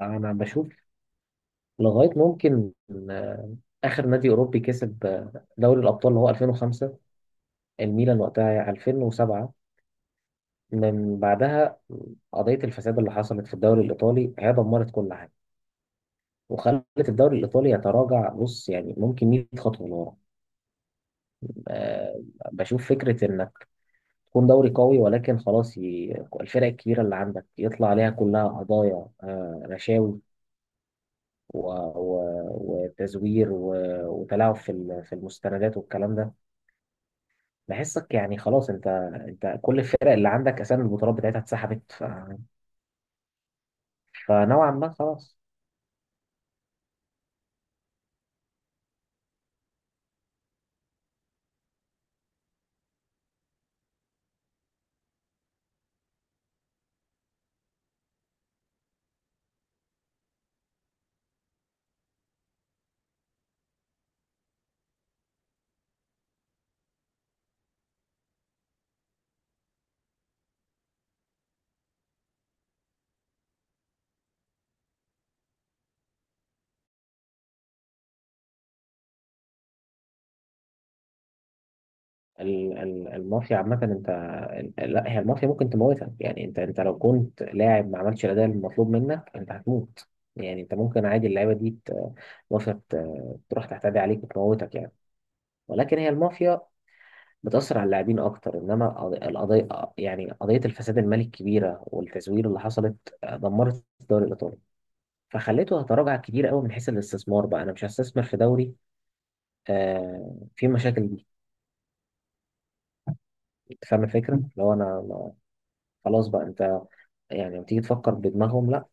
انا بشوف لغايه ممكن آه، اخر نادي اوروبي كسب دوري الابطال اللي هو 2005. الميلان وقتها 2007. من بعدها قضيه الفساد اللي حصلت في الدوري الايطالي هي دمرت كل حاجه، وخلت الدوري الايطالي يتراجع. بص يعني ممكن 100 خطوه لورا. آه، بشوف فكره انك تكون دوري قوي، ولكن خلاص. الفرق الكبيره اللي عندك يطلع عليها كلها قضايا رشاوي و... و... وتزوير وتلاعب في في المستندات والكلام ده. بحسك يعني خلاص انت كل الفرق اللي عندك اسامي البطولات بتاعتها اتسحبت. فنوعا ما خلاص. المافيا عامة انت. لا، هي المافيا ممكن تموتك. يعني انت لو كنت لاعب ما عملتش الاداء المطلوب منك، انت هتموت. يعني انت ممكن عادي، اللعيبه دي المافيا تروح تعتدي عليك وتموتك يعني. ولكن هي المافيا بتأثر على اللاعبين أكتر، إنما القضية، يعني قضية الفساد المالي الكبيرة والتزوير اللي حصلت دمرت الدوري الإيطالي، فخليته يتراجع كتير قوي. من حيث الاستثمار بقى، أنا مش هستثمر في دوري فيه مشاكل دي. أنت فاهم الفكرة؟ لو أنا خلاص بقى أنت، يعني لما تيجي تفكر بدماغهم، لا.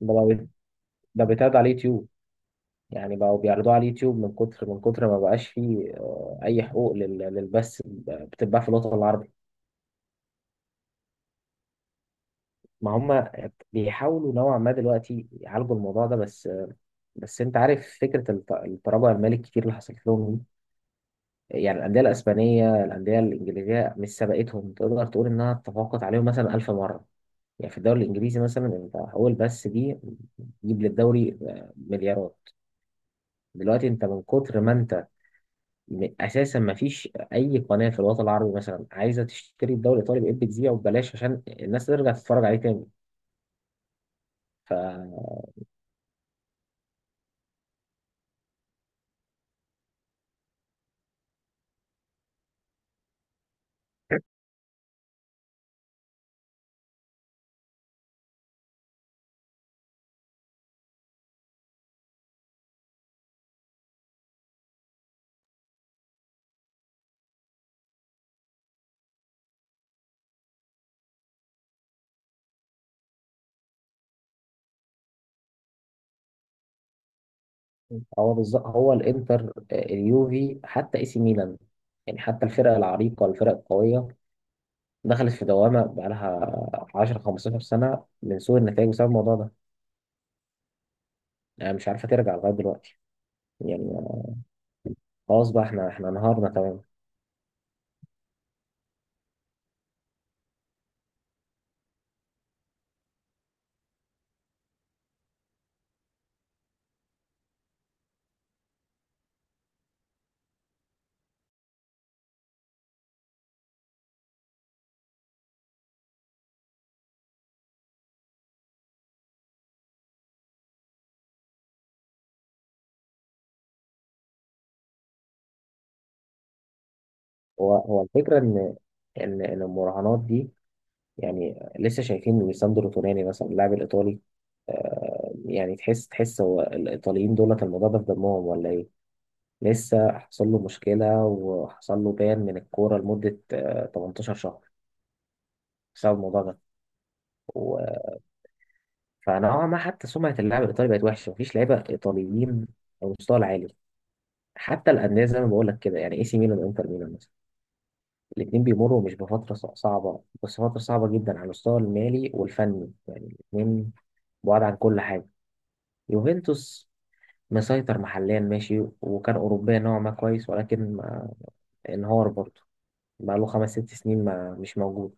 ده بقى بيت- ده بيتعرض على اليوتيوب. يعني بقوا بيعرضوه على اليوتيوب، من كتر ما بقاش فيه أي حقوق للبث بتتباع في الوطن العربي. ما هم بيحاولوا نوعا ما دلوقتي يعالجوا الموضوع ده، بس انت عارف فكره التراجع المالي الكتير اللي حصلت لهم دي. يعني الانديه الاسبانيه، الانديه الانجليزيه، مش سبقتهم، تقدر تقول انها تفوقت عليهم مثلا 1000 مره. يعني في الدوري الانجليزي مثلا، انت اول بس دي تجيب للدوري مليارات. دلوقتي انت من كتر ما انت اساسا ما فيش اي قناه في الوطن العربي مثلا عايزه تشتري الدوري الايطالي، بقيت بتذيعه ببلاش عشان الناس ترجع تتفرج عليه تاني. هو بالظبط، هو الانتر اليوفي، حتى اي سي ميلان. يعني حتى الفرق العريقه والفرق القويه دخلت في دوامه بقى لها 10 15 سنه من سوء النتائج بسبب الموضوع ده. يعني مش عارفه ترجع لغايه دلوقتي. يعني خلاص بقى احنا انهارنا تمام. هو الفكره ان ان إن المراهنات دي، يعني لسه شايفين ليساندرو توناني مثلا اللاعب الايطالي يعني تحس هو الايطاليين دولت الموضوع ده في دمهم ولا إيه؟ لسه حصل له مشكلة، وحصل له بان من الكورة لمدة 18 شهر بسبب الموضوع ده. و... فنوعا ما حتى سمعة اللاعب الإيطالي بقت وحشة، مفيش لعيبة إيطاليين على المستوى العالي. حتى الأندية زي ما بقول لك كده، يعني إي سي ميلان وإنتر ميلان مثلا، الاتنين بيمروا مش بفترة صعبة، بس فترة صعبة جدا على المستوى المالي والفني يعني. الاتنين بعاد عن كل حاجة. يوفنتوس مسيطر محليا ماشي، وكان أوروبيا نوعا ما كويس، ولكن انهار برضه. بقاله 5 6 سنين ما مش موجود.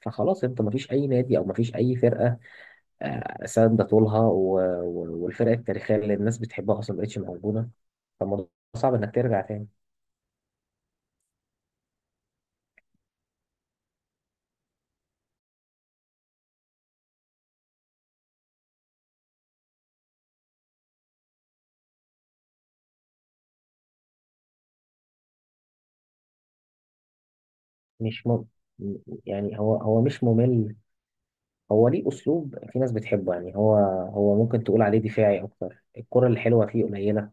فخلاص انت، مفيش اي نادي او مفيش اي فرقه ساندة طولها والفرق التاريخيه اللي الناس بتحبها اصلا مبقتش موجوده. فالموضوع صعب انك ترجع تاني. مش م... يعني هو مش ممل. هو ليه اسلوب في ناس بتحبه. يعني هو، هو ممكن تقول عليه دفاعي اكتر، الكره الحلوه فيه قليله.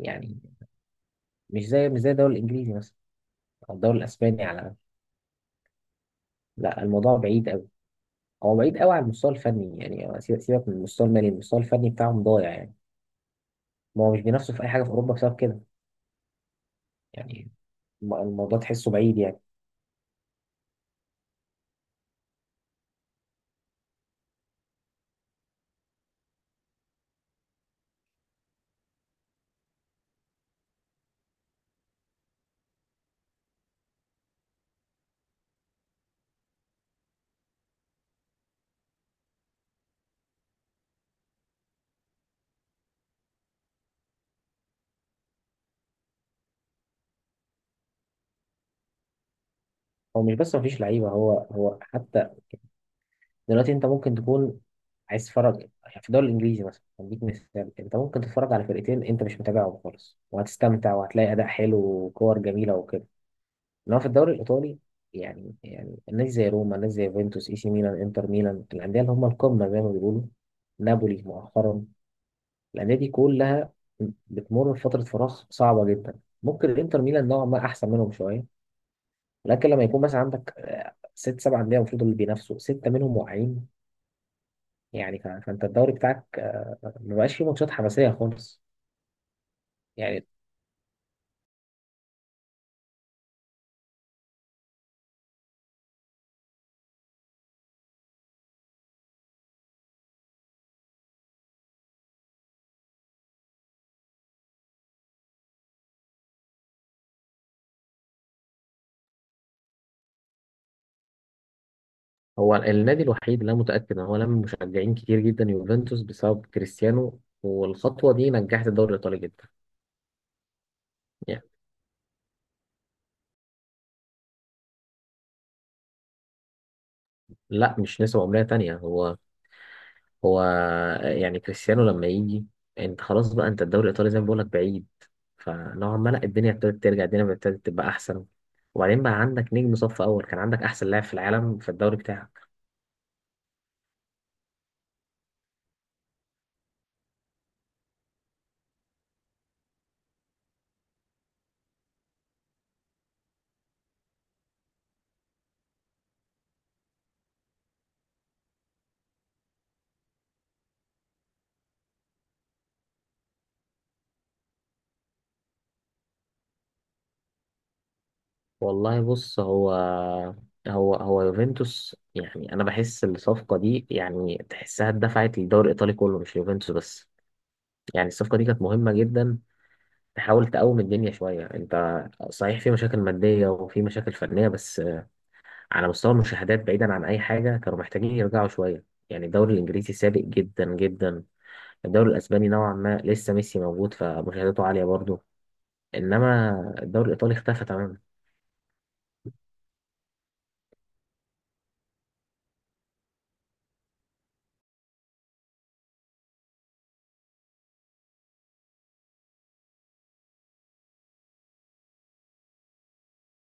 يعني مش زي الدوري الانجليزي مثلا، او الدوري الاسباني على الأقل. لا، الموضوع بعيد قوي. هو بعيد قوي على المستوى الفني. يعني سيبك من المستوى المالي، المستوى الفني بتاعهم ضايع يعني. ما هو مش بينافسوا في اي حاجه في اوروبا بسبب كده. يعني الموضوع تحسه بعيد يعني. هو مش بس مفيش لعيبه، هو حتى دلوقتي انت ممكن تكون عايز تتفرج. يعني في الدوري الانجليزي مثلا، هديك مثال، انت ممكن تتفرج على فرقتين انت مش متابعهم خالص وهتستمتع، وهتلاقي اداء حلو وكور جميله وكده. انما في الدوري الايطالي، يعني الناس زي روما، الناس زي يوفنتوس، اي سي ميلان، انتر ميلان، الانديه اللي هم القمه زي ما بيقولوا، نابولي مؤخرا، الانديه دي كلها بتمر بفتره فراغ صعبه جدا. ممكن الانتر ميلان نوعا ما احسن منهم شويه، لكن لما يكون مثلا عندك 6 7 أندية المفروض اللي بينافسوا، ستة منهم واقعين، يعني فأنت الدوري بتاعك ما بقاش فيه ماتشات حماسية خالص يعني. هو النادي الوحيد اللي أنا متأكد إن هو لم مشجعين كتير جدا يوفنتوس، بسبب كريستيانو، والخطوة دي نجحت الدوري الإيطالي جدا. يعني لا، مش نسبة عمرية تانية. هو، هو يعني كريستيانو لما يجي، انت خلاص بقى، انت الدوري الايطالي زي ما بقولك بعيد. فنوعا ما لا، الدنيا ابتدت ترجع، الدنيا ابتدت تبقى احسن. وبعدين بقى عندك نجم صف اول، كان عندك احسن لاعب في العالم في الدوري بتاعك. والله بص، هو يوفنتوس. يعني انا بحس الصفقه دي، يعني تحسها اتدفعت للدوري الايطالي كله مش يوفنتوس بس. يعني الصفقه دي كانت مهمه جدا، تحاول تقوم الدنيا شويه. انت صحيح في مشاكل ماديه وفي مشاكل فنيه، بس على مستوى المشاهدات، بعيدا عن اي حاجه، كانوا محتاجين يرجعوا شويه. يعني الدوري الانجليزي سابق جدا جدا. الدوري الاسباني نوعا ما لسه ميسي موجود، فمشاهداته عاليه برضه. انما الدوري الايطالي اختفى تماما.